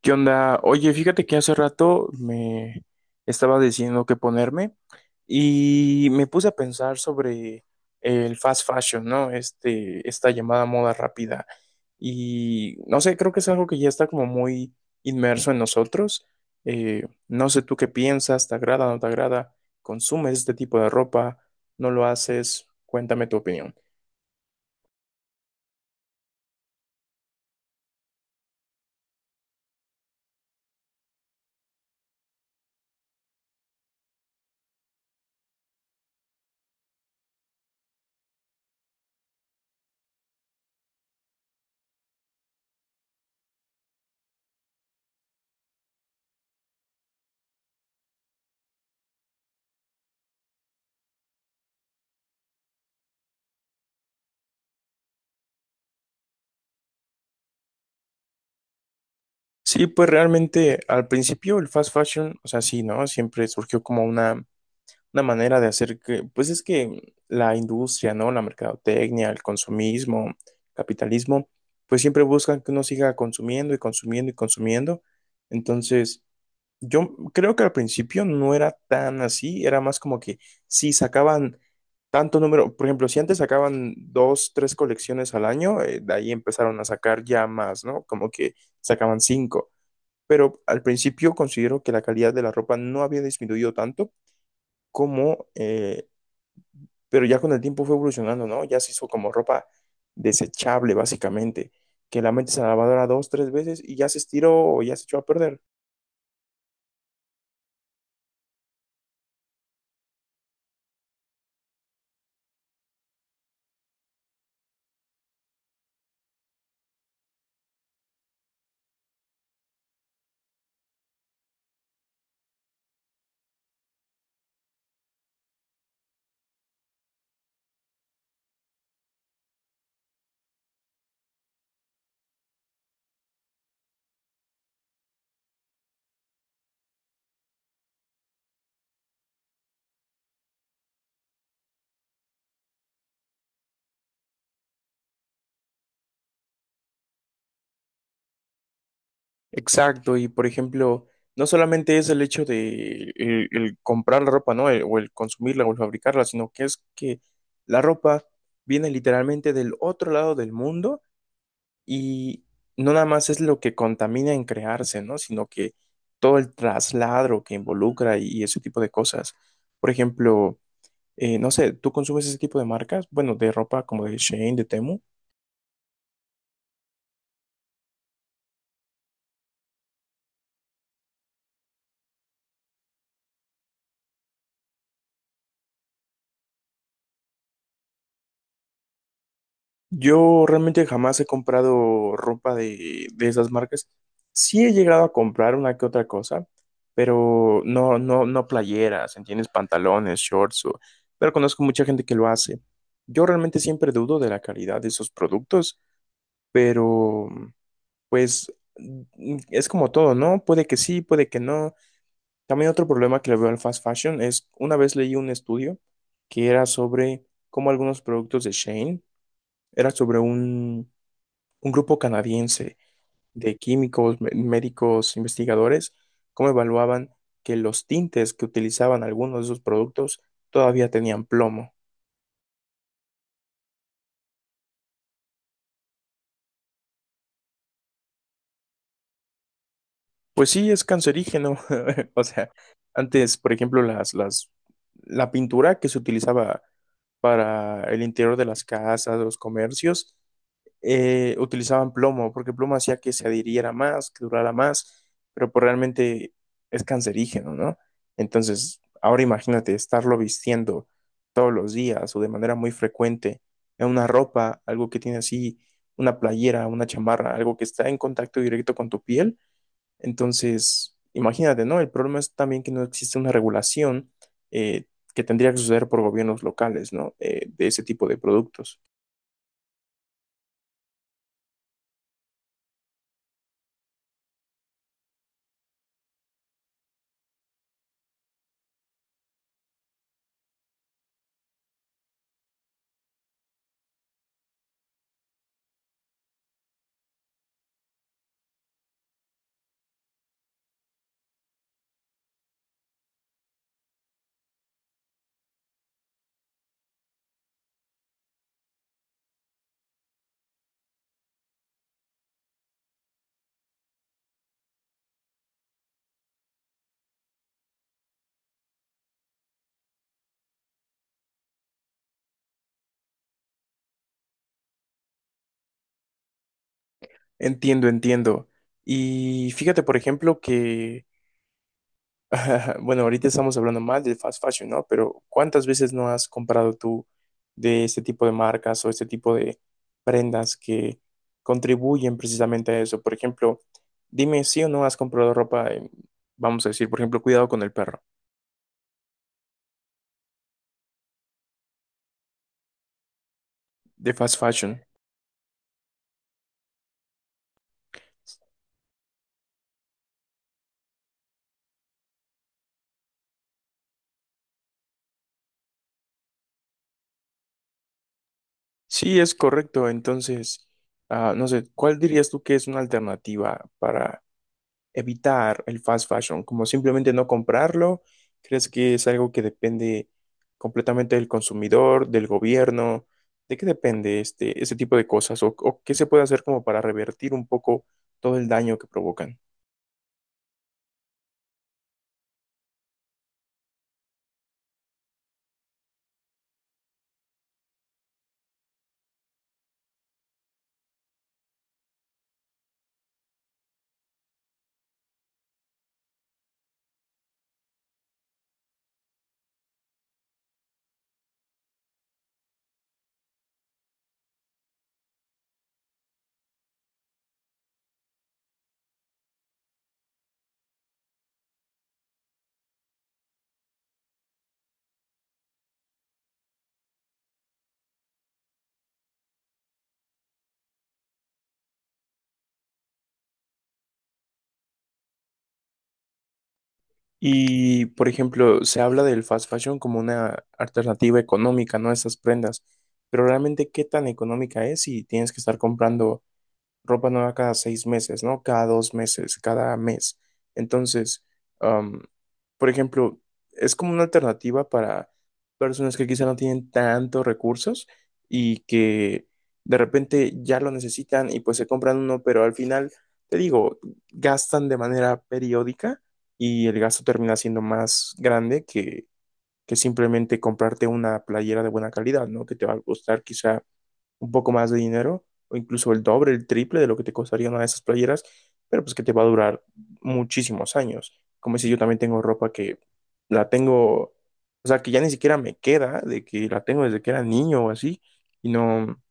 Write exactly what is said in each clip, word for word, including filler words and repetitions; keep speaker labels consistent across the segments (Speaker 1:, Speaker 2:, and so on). Speaker 1: ¿Qué onda? Oye, fíjate que hace rato me estaba diciendo qué ponerme y me puse a pensar sobre el fast fashion, ¿no? Este, esta llamada moda rápida. Y no sé, creo que es algo que ya está como muy inmerso en nosotros. Eh, no sé tú qué piensas, ¿te agrada, no te agrada? ¿Consumes este tipo de ropa? ¿No lo haces? Cuéntame tu opinión. Sí, pues realmente al principio el fast fashion, o sea, sí, ¿no? Siempre surgió como una una manera de hacer que, pues es que la industria, ¿no? La mercadotecnia, el consumismo, capitalismo, pues siempre buscan que uno siga consumiendo y consumiendo y consumiendo. Entonces, yo creo que al principio no era tan así, era más como que si sacaban tanto número, por ejemplo, si antes sacaban dos, tres colecciones al año, eh, de ahí empezaron a sacar ya más, ¿no? Como que sacaban cinco. Pero al principio considero que la calidad de la ropa no había disminuido tanto como eh, pero ya con el tiempo fue evolucionando, ¿no? Ya se hizo como ropa desechable, básicamente, que la metes a la lavadora dos, tres veces y ya se estiró o ya se echó a perder. Exacto, y por ejemplo, no solamente es el hecho de el, el comprar la ropa, ¿no? El- o el consumirla o el fabricarla, sino que es que la ropa viene literalmente del otro lado del mundo y no nada más es lo que contamina en crearse, ¿no? Sino que todo el trasladro que involucra y y ese tipo de cosas. Por ejemplo, Eh, no sé, ¿tú consumes ese tipo de marcas? Bueno, de ropa como de Shein, de Temu. Yo realmente jamás he comprado ropa de, de esas marcas. Sí he llegado a comprar una que otra cosa, pero no, no, no playeras, ¿entiendes? Pantalones, shorts, o- pero conozco mucha gente que lo hace. Yo realmente siempre dudo de la calidad de esos productos, pero pues mm, es como todo, ¿no? Puede que sí, puede que no. También otro problema que le veo al fast fashion es, una vez leí un estudio que era sobre cómo algunos productos de Shane, era sobre un, un grupo canadiense de químicos, mé- médicos, investigadores, cómo evaluaban que los tintes que utilizaban algunos de esos productos todavía tenían plomo. Pues sí, es cancerígeno. O sea, antes, por ejemplo, las, las, la pintura que se utilizaba para el interior de las casas, de los comercios, eh, utilizaban plomo, porque plomo hacía que se adhiriera más, que durara más, pero pues realmente es cancerígeno, ¿no? Entonces, ahora imagínate estarlo vistiendo todos los días o de manera muy frecuente en una ropa, algo que tiene así una playera, una chamarra, algo que está en contacto directo con tu piel. Entonces, imagínate, ¿no? El problema es también que no existe una regulación eh, que tendría que suceder por gobiernos locales, ¿no? Eh, de ese tipo de productos. Entiendo, entiendo. Y fíjate, por ejemplo, que, bueno, ahorita estamos hablando más del fast fashion, ¿no? Pero ¿cuántas veces no has comprado tú de este tipo de marcas o este tipo de prendas que contribuyen precisamente a eso? Por ejemplo, dime si o no has comprado ropa, en, vamos a decir, por ejemplo, cuidado con el perro, de fast fashion. Sí, es correcto. Entonces, ah, no sé, ¿cuál dirías tú que es una alternativa para evitar el fast fashion, como simplemente no comprarlo? ¿Crees que es algo que depende completamente del consumidor, del gobierno? ¿De qué depende este, ese tipo de cosas? ¿O, o qué se puede hacer como para revertir un poco todo el daño que provocan? Y, por ejemplo, se habla del fast fashion como una alternativa económica, ¿no? A esas prendas. Pero realmente, ¿qué tan económica es si tienes que estar comprando ropa nueva cada seis meses, ¿no? Cada dos meses, cada mes. Entonces, am, por ejemplo, es como una alternativa para personas que quizá no tienen tantos recursos y que de repente ya lo necesitan y pues se compran uno, pero al final, te digo, gastan de manera periódica y el gasto termina siendo más grande que, que simplemente comprarte una playera de buena calidad, ¿no? Que te va a costar quizá un poco más de dinero, o incluso el doble, el triple de lo que te costaría una de esas playeras, pero pues que te va a durar muchísimos años. Como si yo también tengo ropa que la tengo, o sea, que ya ni siquiera me queda, de que la tengo desde que era niño o así, y no,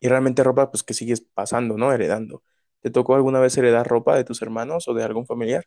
Speaker 1: y realmente ropa pues que sigues pasando, ¿no? Heredando. ¿Te tocó alguna vez heredar ropa de tus hermanos o de algún familiar?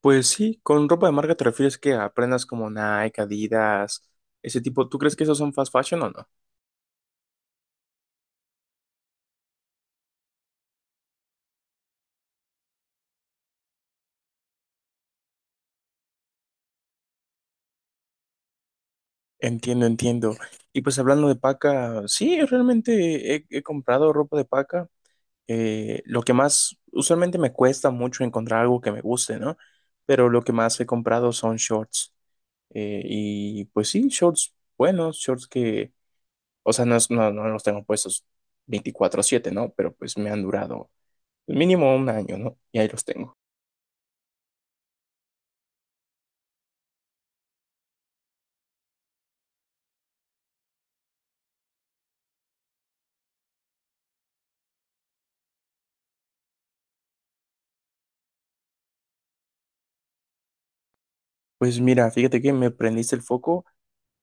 Speaker 1: Pues sí, con ropa de marca te refieres que aprendas como Nike, Adidas, ese tipo. ¿Tú crees que esos son fast fashion o no? Entiendo, entiendo. Y pues hablando de paca, sí, realmente he, he comprado ropa de paca. Eh, lo que más, usualmente me cuesta mucho encontrar algo que me guste, ¿no? Pero lo que más he comprado son shorts. Eh, y pues sí, shorts buenos, shorts que, o sea, no, es- no, no los tengo puestos veinticuatro siete, ¿no? Pero pues me han durado mínimo un año, ¿no? Y ahí los tengo. Pues mira, fíjate que me prendiste el foco.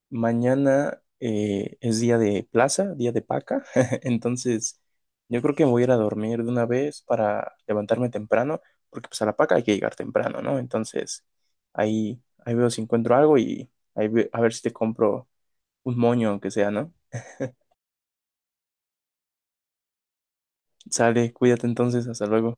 Speaker 1: Mañana eh, es día de plaza, día de paca, entonces yo creo que voy a ir a dormir de una vez para levantarme temprano, porque pues a la paca hay que llegar temprano, ¿no? Entonces ahí, ahí veo si encuentro algo y ahí ve- a ver si te compro un moño, aunque sea, ¿no? Sale, cuídate entonces, hasta luego.